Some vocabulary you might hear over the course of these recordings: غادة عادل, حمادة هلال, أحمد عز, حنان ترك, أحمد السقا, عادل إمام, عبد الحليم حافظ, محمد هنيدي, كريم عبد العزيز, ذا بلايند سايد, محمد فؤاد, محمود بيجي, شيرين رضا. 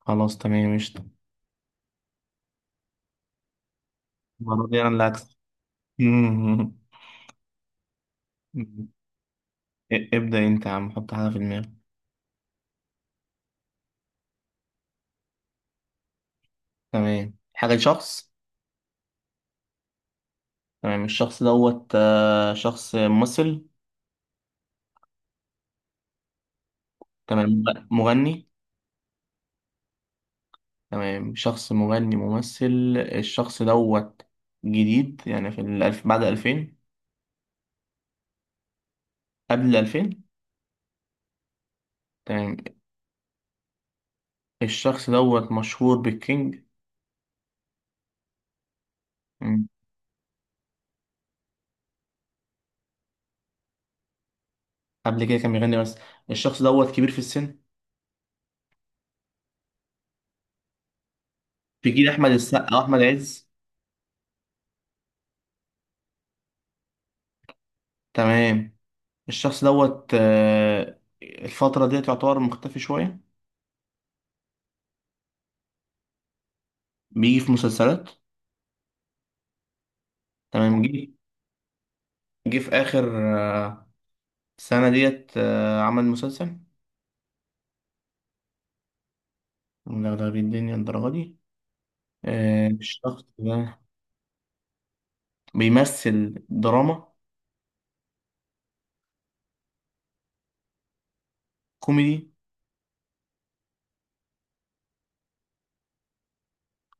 خلاص تمام قشطة. المرة دي أنا اللي هكسب. مم. ابدأ أنت يا عم، حط حاجة في دماغك. تمام، حاجة شخص. تمام، الشخص دوت شخص ممثل. تمام. مغني. تمام، شخص مغني ممثل. الشخص دوت جديد يعني في الألف بعد ألفين؟ قبل الألفين. تمام. الشخص دوت مشهور بالكينج؟ مم. قبل كده كان بيغني بس. الشخص دوت كبير في السن، في جيل أحمد السقا وأحمد عز. تمام. الشخص دوت الفترة ديت يعتبر مختفي شوية. بيجي في مسلسلات. تمام. جه. جه في آخر آه، سنة ديت عمل مسلسل. مدغدغ الدنيا الدرجة دي؟ الشخص ده بيمثل دراما؟ كوميدي.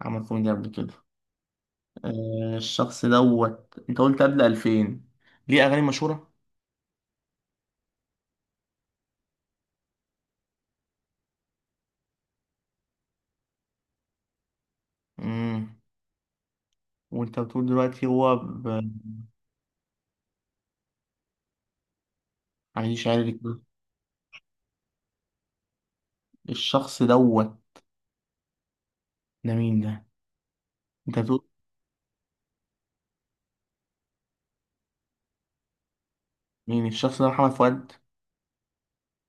عمل كوميدي قبل كده. الشخص دوت انت قلت قبل 2000، ليه أغاني مشهورة؟ مم. وانت بتقول دلوقتي هو عايش عادي كده. الشخص دوت، ده مين ده؟ انت بتقول مين الشخص ده؟ محمد فؤاد؟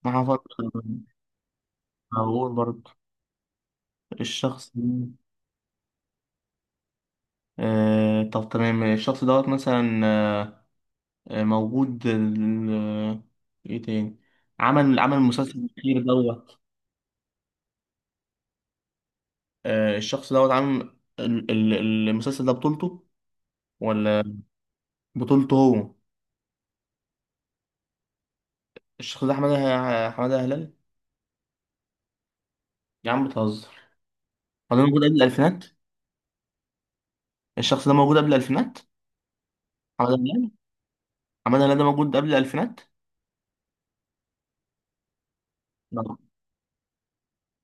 محمد فؤاد موجود برضه. الشخص ده. آه طب تمام، الشخص دوت مثلا آه، موجود ايه تاني، عمل عمل المسلسل الأخير دوت؟ آه، الشخص دوت عامل المسلسل ده بطولته؟ ولا بطولته هو؟ الشخص ده حمادة هلال؟ يا عم بتهزر! هو ده موجود قبل الألفينات؟ الشخص ده موجود قبل الألفينات؟ حمادة هلال؟ حمادة هلال ده موجود قبل الألفينات؟ لا،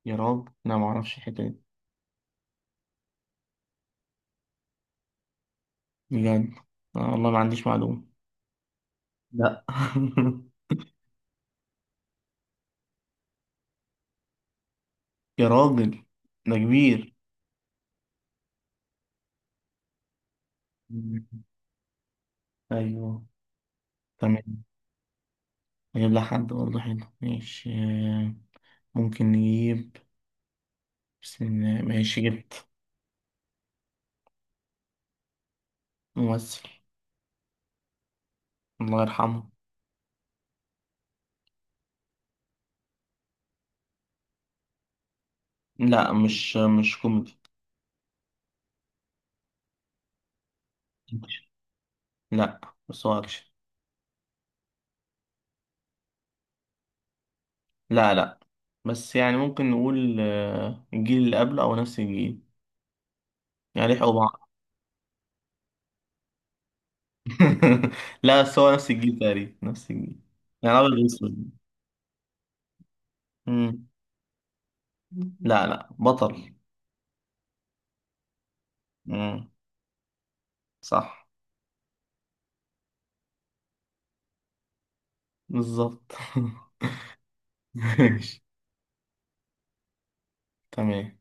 يا رب انا ما اعرفش الحته دي. بجد؟ آه والله ما عنديش معلومة. لا يا راجل ده كبير. مم. أيوه، تمام. نجيب لها حد برضه حلو، ماشي ممكن نجيب، بس إن- ماشي، جبت. ممثل. الله يرحمه. لا، مش مش كوميدي. لا بس هو أكشن. لا لا، بس يعني ممكن نقول الجيل اللي قبله أو نفس الجيل، يعني لحقوا بعض. لا، بس هو نفس الجيل تقريبا، نفس الجيل. يعني أبيض وأسود. لا لا، بطل. مم. صح. بالظبط. ماشي. تمام.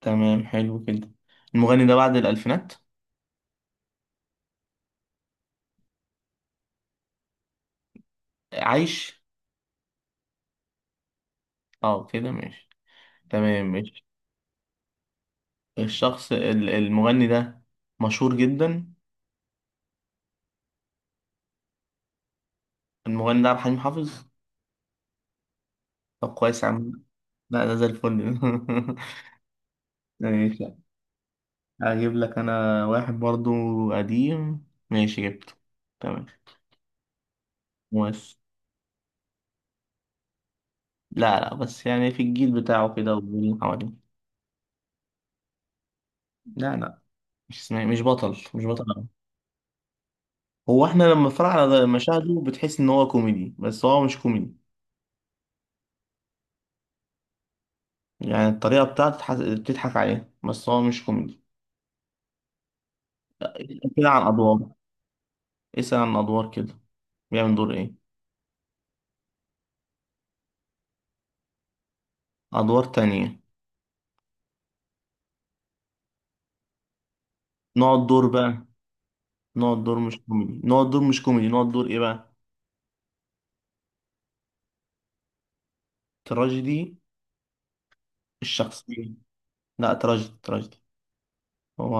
تمام، حلو كده. المغني ده بعد الألفينات؟ عايش؟ اه كده ماشي. تمام ماشي. المغني ده مشهور جدا؟ المغني ده عبد الحليم حافظ. طب كويس يا عم. لا ده زي الفل. ماشي. هجيب لك انا واحد برضو. قديم. ماشي، جبته. تمام. بس. لا لا، بس يعني في الجيل بتاعه كده والجيل اللي حواليه. لا لا، مش اسمه، مش بطل. مش بطل أوي. هو احنا لما بنتفرج على مشاهده بتحس ان هو كوميدي، بس هو مش كوميدي. يعني الطريقه بتاعته بتضحك عليها، بس هو مش كوميدي. اسأل كده عن ادوار. اسال عن ادوار كده. بيعمل دور ايه. ادوار تانية. نقعد دور بقى. نقعد دور مش كوميدي. نقعد دور مش كوميدي. نقعد دور ايه بقى؟ تراجيدي. الشخصيه. لا، تراجيدي تراجيدي هو.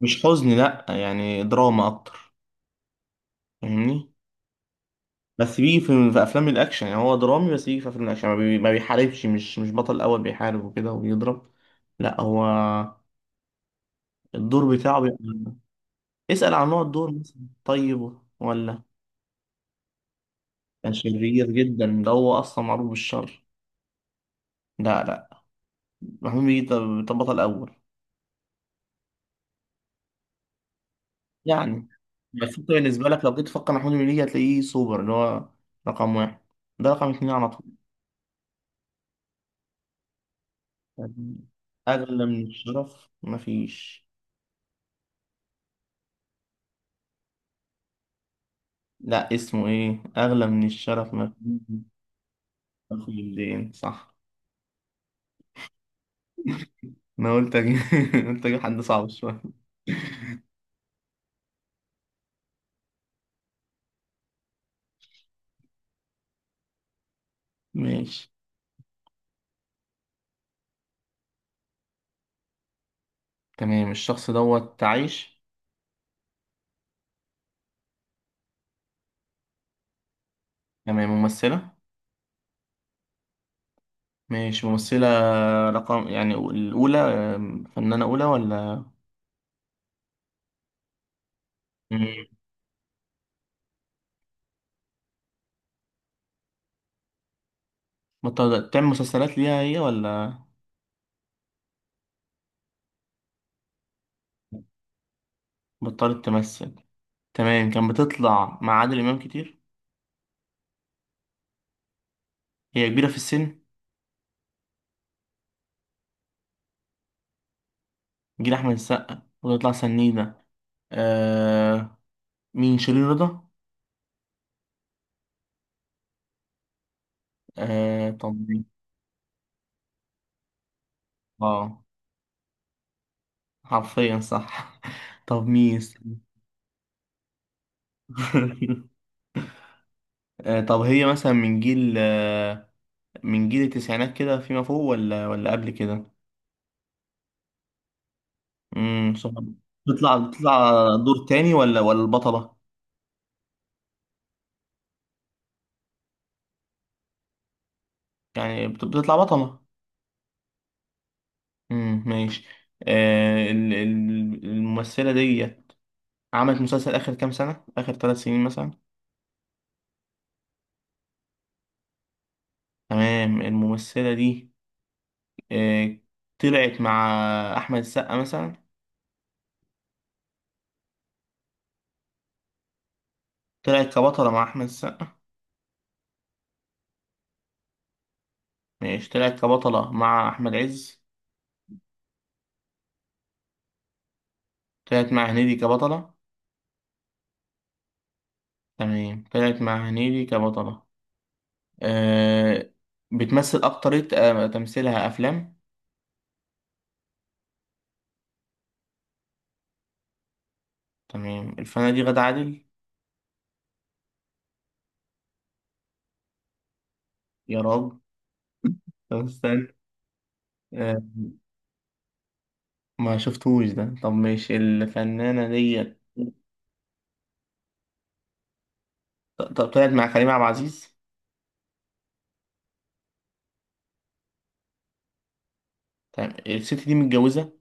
مش حزن، لا، يعني دراما اكتر، فاهمني. بس بيجي في, افلام الاكشن، يعني هو درامي، بس بيجي في افلام الاكشن ما بيحاربش. مش بطل اول، بيحارب وكده وبيضرب. لا هو، الدور بتاعه بيبقى. اسأل عن نوع الدور مثلا طيب ولا. كان شرير جدا، ده هو اصلا معروف بالشر. لا لا. محمود بيجي؟ طب بطل اول. يعني بس انت بالنسبه لك لو جيت تفكر محمود بيجي، هتلاقيه سوبر، اللي هو رقم واحد. ده رقم اتنين على طول. يعني اغلى من الشرف مفيش. لا اسمه ايه؟ اغلى من الشرف مفيش. اخد بالدين صح. انا قلت اجيب. قلت اجيب حد صعب شويه. ماشي. تمام، الشخص دوت عايش. تمام، ممثلة. ماشي ممثلة. رقم يعني الأولى، فنانة أولى ولا؟ مم. بطلت تعمل مسلسلات ليها هي ولا؟ بطلت تمثل. تمام. كان بتطلع مع عادل إمام كتير؟ هي كبيرة في السن، جيل أحمد السقا؟ وتطلع سنيدة. آه. مين؟ شيرين رضا؟ آه طب مين؟ اه حرفيا صح. طب مين؟ طب هي مثلا من جيل من جيل التسعينات كده فيما فوق ولا قبل كده؟ امم، صعب. بتطلع دور تاني ولا البطلة؟ يعني بتطلع بطلة. ماشي. الممثلة دي عملت مسلسل آخر كام سنة؟ آخر ثلاث سنين مثلا. تمام، الممثلة دي آه، طلعت مع أحمد السقا مثلا. طلعت كبطلة مع أحمد السقا؟ ماشي، طلعت كبطلة مع أحمد عز؟ طلعت مع هنيدي كبطلة؟ تمام، طلعت مع هنيدي كبطلة. أه. بتمثل أكترية؟ أه، تمثيلها أفلام. تمام، الفنانة دي غادة عادل؟ يا راجل. طب استنى. أه، ما شفتوش ده. طب ماشي، الفنانة ديت طب طلعت مع كريم عبد العزيز؟ تمام، الست دي متجوزة؟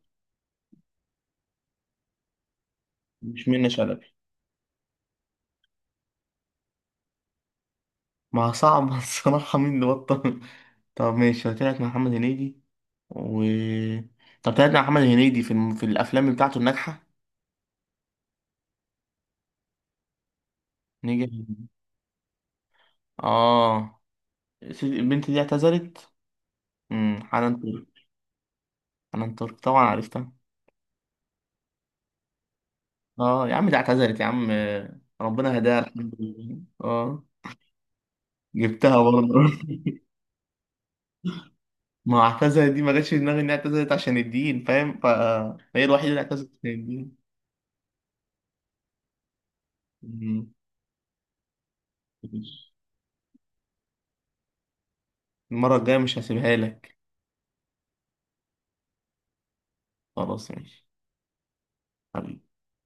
مش منة شلبي؟ ما صعب. الصراحة مين اللي بطل؟ طب ماشي، طلعت مع محمد هنيدي و، طب طلعت مع محمد هنيدي في في الأفلام بتاعته الناجحة؟ نجح. اه. البنت دي اعتذرت. امم، حنان ترك. حنان ترك طبعا عرفتها. اه يا عم، دي اعتذرت يا عم، ربنا هداها الحمد لله. اه. جبتها برضه. ما هو اعتذرت دي ما جاتش في دماغي انها اعتذرت عشان الدين، فاهم، فهي الوحيده اللي اعتزلت عشان الدين. مم. المره الجايه مش هسيبها لك. خلاص ماشي. حبيبي.